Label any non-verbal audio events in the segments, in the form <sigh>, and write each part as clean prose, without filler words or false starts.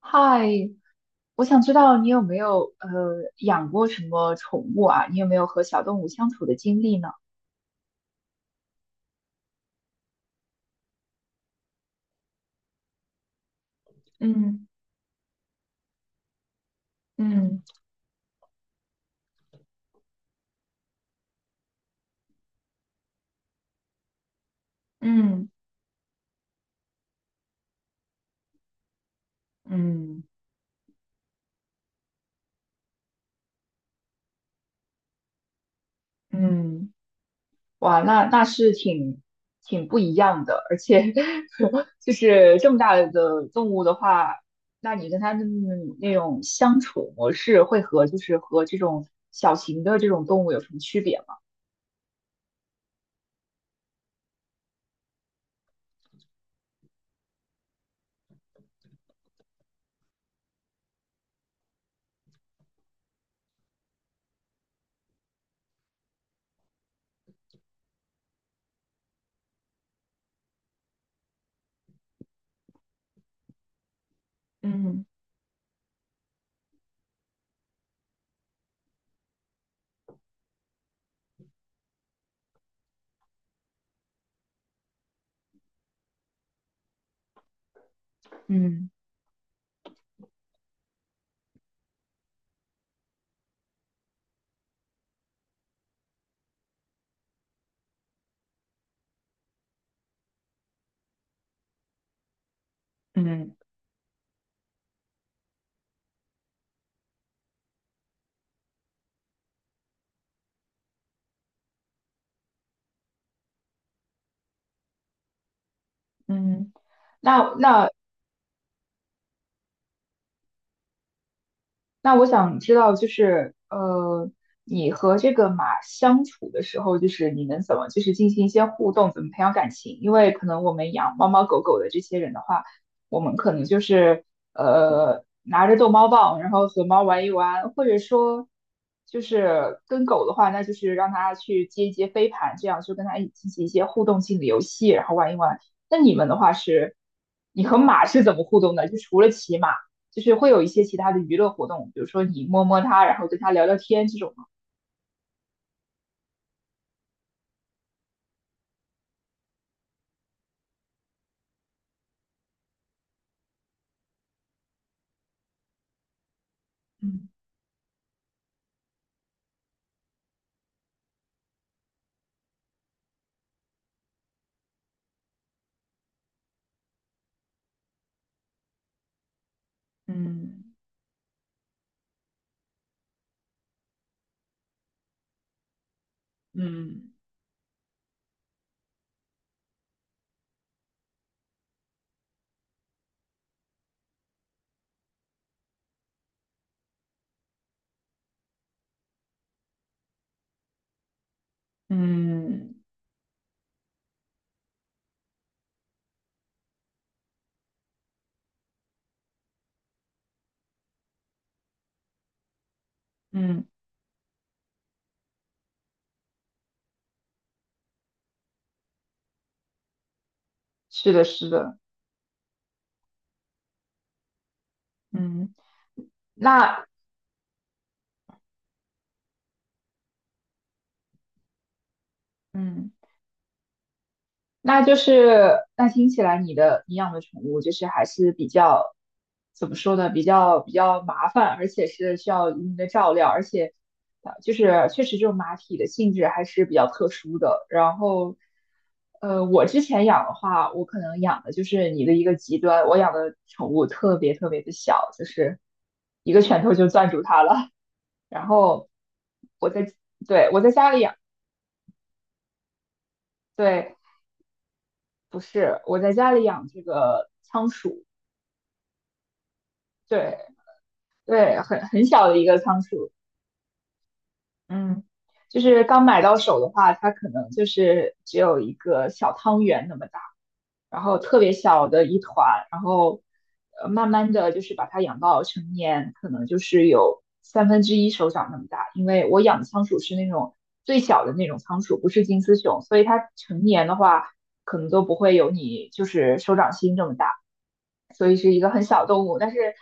嗨，我想知道你有没有养过什么宠物啊？你有没有和小动物相处的经历呢？嗯。嗯。嗯。嗯。嗯。哇，那是挺不一样的，而且 <laughs> 就是这么大的动物的话，那你跟它们那种相处模式会和就是和这种小型的这种动物有什么区别吗？嗯。嗯。嗯。嗯。那那那我想知道，就是，你和这个马相处的时候，就是你们怎么就是进行一些互动，怎么培养感情？因为可能我们养猫猫狗狗的这些人的话，我们可能就是拿着逗猫棒，然后和猫玩一玩，或者说就是跟狗的话，那就是让它去接一接飞盘，这样就跟它一起进行一些互动性的游戏，然后玩一玩。那你们的话是，你和马是怎么互动的？就除了骑马。就是会有一些其他的娱乐活动，比如说你摸摸它，然后跟它聊聊天这种吗？嗯。嗯。嗯。嗯。嗯，是的，是的，嗯，那嗯。那就是那听起来你的你养的宠物就是还是比较怎么说呢？比较麻烦，而且是需要一定的照料，而且啊，就是确实这种马匹的性质还是比较特殊的。然后，我之前养的话，我可能养的就是你的一个极端，我养的宠物特别特别的小，就是一个拳头就攥住它了。然后我在对我在家里养，对，不是我在家里养这个仓鼠。对，对，很小的一个仓鼠，嗯，就是刚买到手的话，它可能就是只有一个小汤圆那么大，然后特别小的一团，然后慢慢的就是把它养到成年，可能就是有三分之一手掌那么大，因为我养的仓鼠是那种最小的那种仓鼠，不是金丝熊，所以它成年的话可能都不会有你就是手掌心这么大。所以是一个很小动物。但是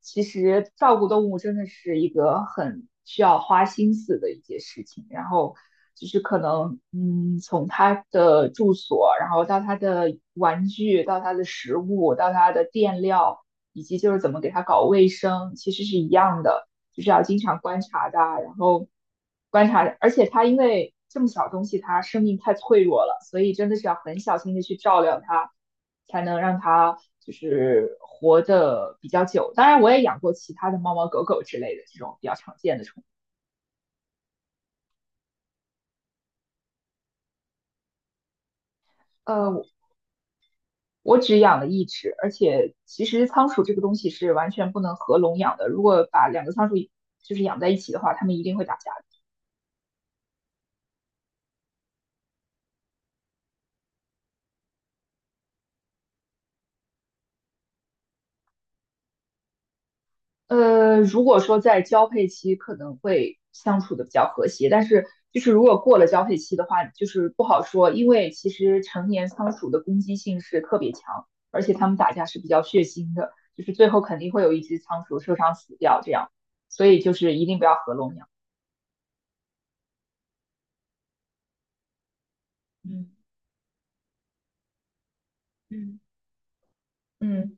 其实照顾动物真的是一个很需要花心思的一件事情。然后就是可能，嗯，从它的住所，然后到它的玩具，到它的食物，到它的垫料，以及就是怎么给它搞卫生，其实是一样的，就是要经常观察它，然后观察，而且它因为。这么小东西，它生命太脆弱了，所以真的是要很小心的去照料它。才能让它就是活得比较久。当然，我也养过其他的猫猫狗狗之类的这种比较常见的宠物。呃，我只养了一只，而且其实仓鼠这个东西是完全不能合笼养的。如果把两个仓鼠就是养在一起的话，它们一定会打架。如果说在交配期可能会相处的比较和谐，但是就是如果过了交配期的话，就是不好说，因为其实成年仓鼠的攻击性是特别强，而且它们打架是比较血腥的，就是最后肯定会有一只仓鼠受伤死掉这样，所以就是一定不要合笼养。嗯。嗯，嗯，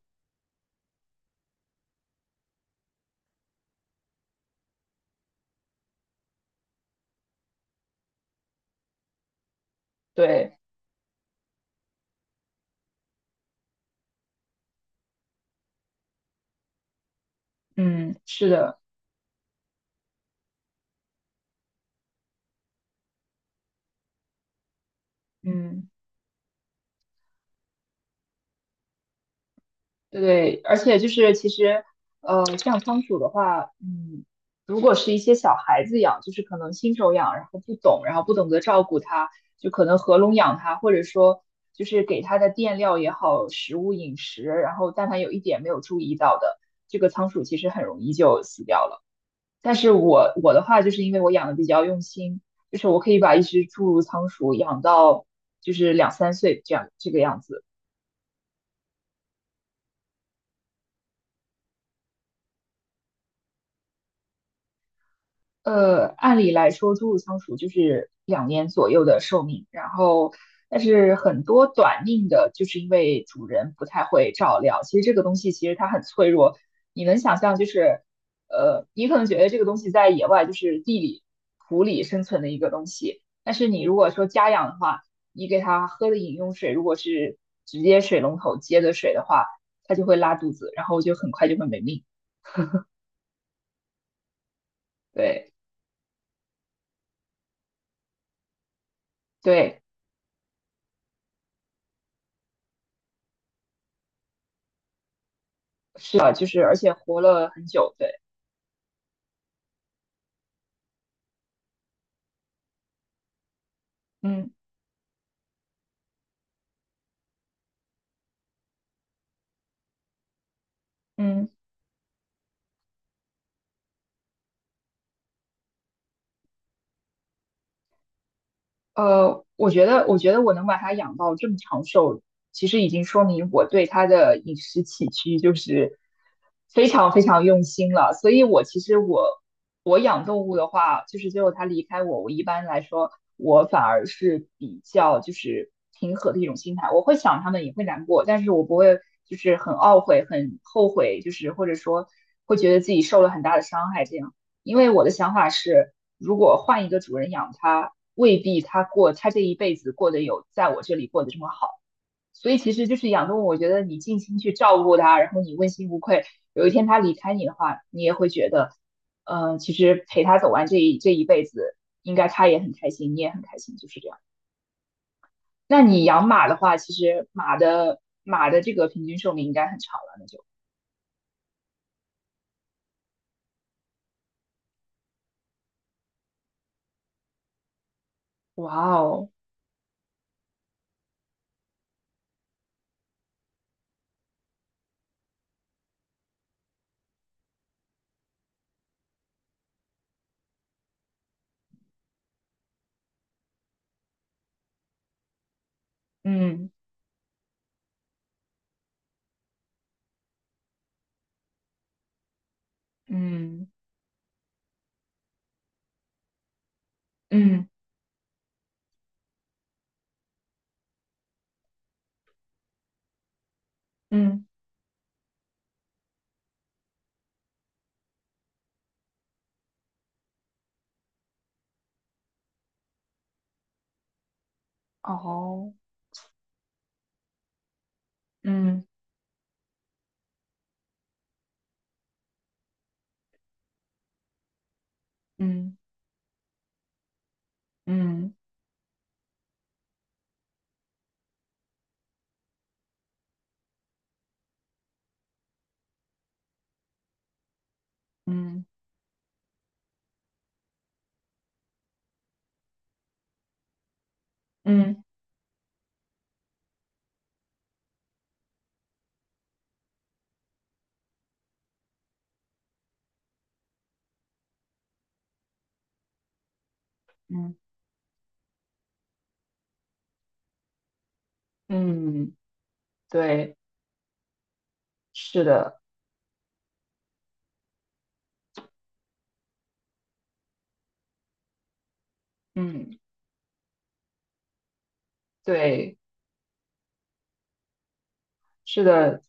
对，嗯，是的，嗯。对，而且就是其实，像仓鼠的话，嗯，如果是一些小孩子养，就是可能新手养，然后不懂，然后不懂得照顾它，就可能合笼养它，或者说就是给它的垫料也好，食物饮食，然后但凡有一点没有注意到的，这个仓鼠其实很容易就死掉了。但是我的话，就是因为我养的比较用心，就是我可以把一只侏儒仓鼠养到就是两三岁这样这个样子。按理来说，猪乳仓鼠就是两年左右的寿命，然后但是很多短命的，就是因为主人不太会照料。其实这个东西其实它很脆弱，你能想象就是，你可能觉得这个东西在野外就是地里、土里生存的一个东西，但是你如果说家养的话，你给它喝的饮用水如果是直接水龙头接的水的话，它就会拉肚子，然后就很快就会没命。对。对是啊，就是而且活了很久，对，嗯。嗯，我觉得我能把它养到这么长寿，其实已经说明我对它的饮食起居就是非常非常用心了。所以我其实我养动物的话，就是最后它离开我，我一般来说我反而是比较就是平和的一种心态，我会想它们，也会难过，但是我不会就是很懊悔、很后悔，就是或者说会觉得自己受了很大的伤害这样。因为我的想法是，如果换一个主人养它，未必它过它这一辈子过得有在我这里过得这么好。所以其实就是养动物，我觉得你尽心去照顾它，然后你问心无愧，有一天它离开你的话，你也会觉得，其实陪它走完这一辈子，应该它也很开心，你也很开心，就是这样。那你养马的话，其实马的这个平均寿命应该很长了，那就。哇哦，嗯。嗯。嗯。嗯，哦，嗯。嗯。嗯。嗯。嗯。嗯。嗯，嗯对，是的，嗯，对，是的，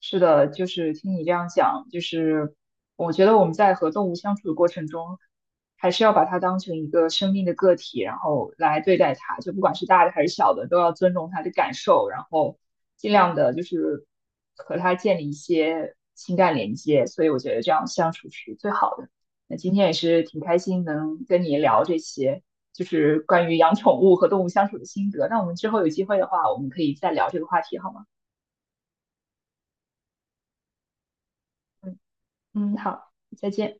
是的，就是听你这样讲，就是我觉得我们在和动物相处的过程中，还是要把它当成一个生命的个体，然后来对待它，就不管是大的还是小的，都要尊重它的感受，然后尽量的就是和它建立一些情感连接。所以我觉得这样相处是最好的。那今天也是挺开心能跟你聊这些，就是关于养宠物和动物相处的心得。那我们之后有机会的话，我们可以再聊这个话题，好吗？嗯。嗯，好。再见。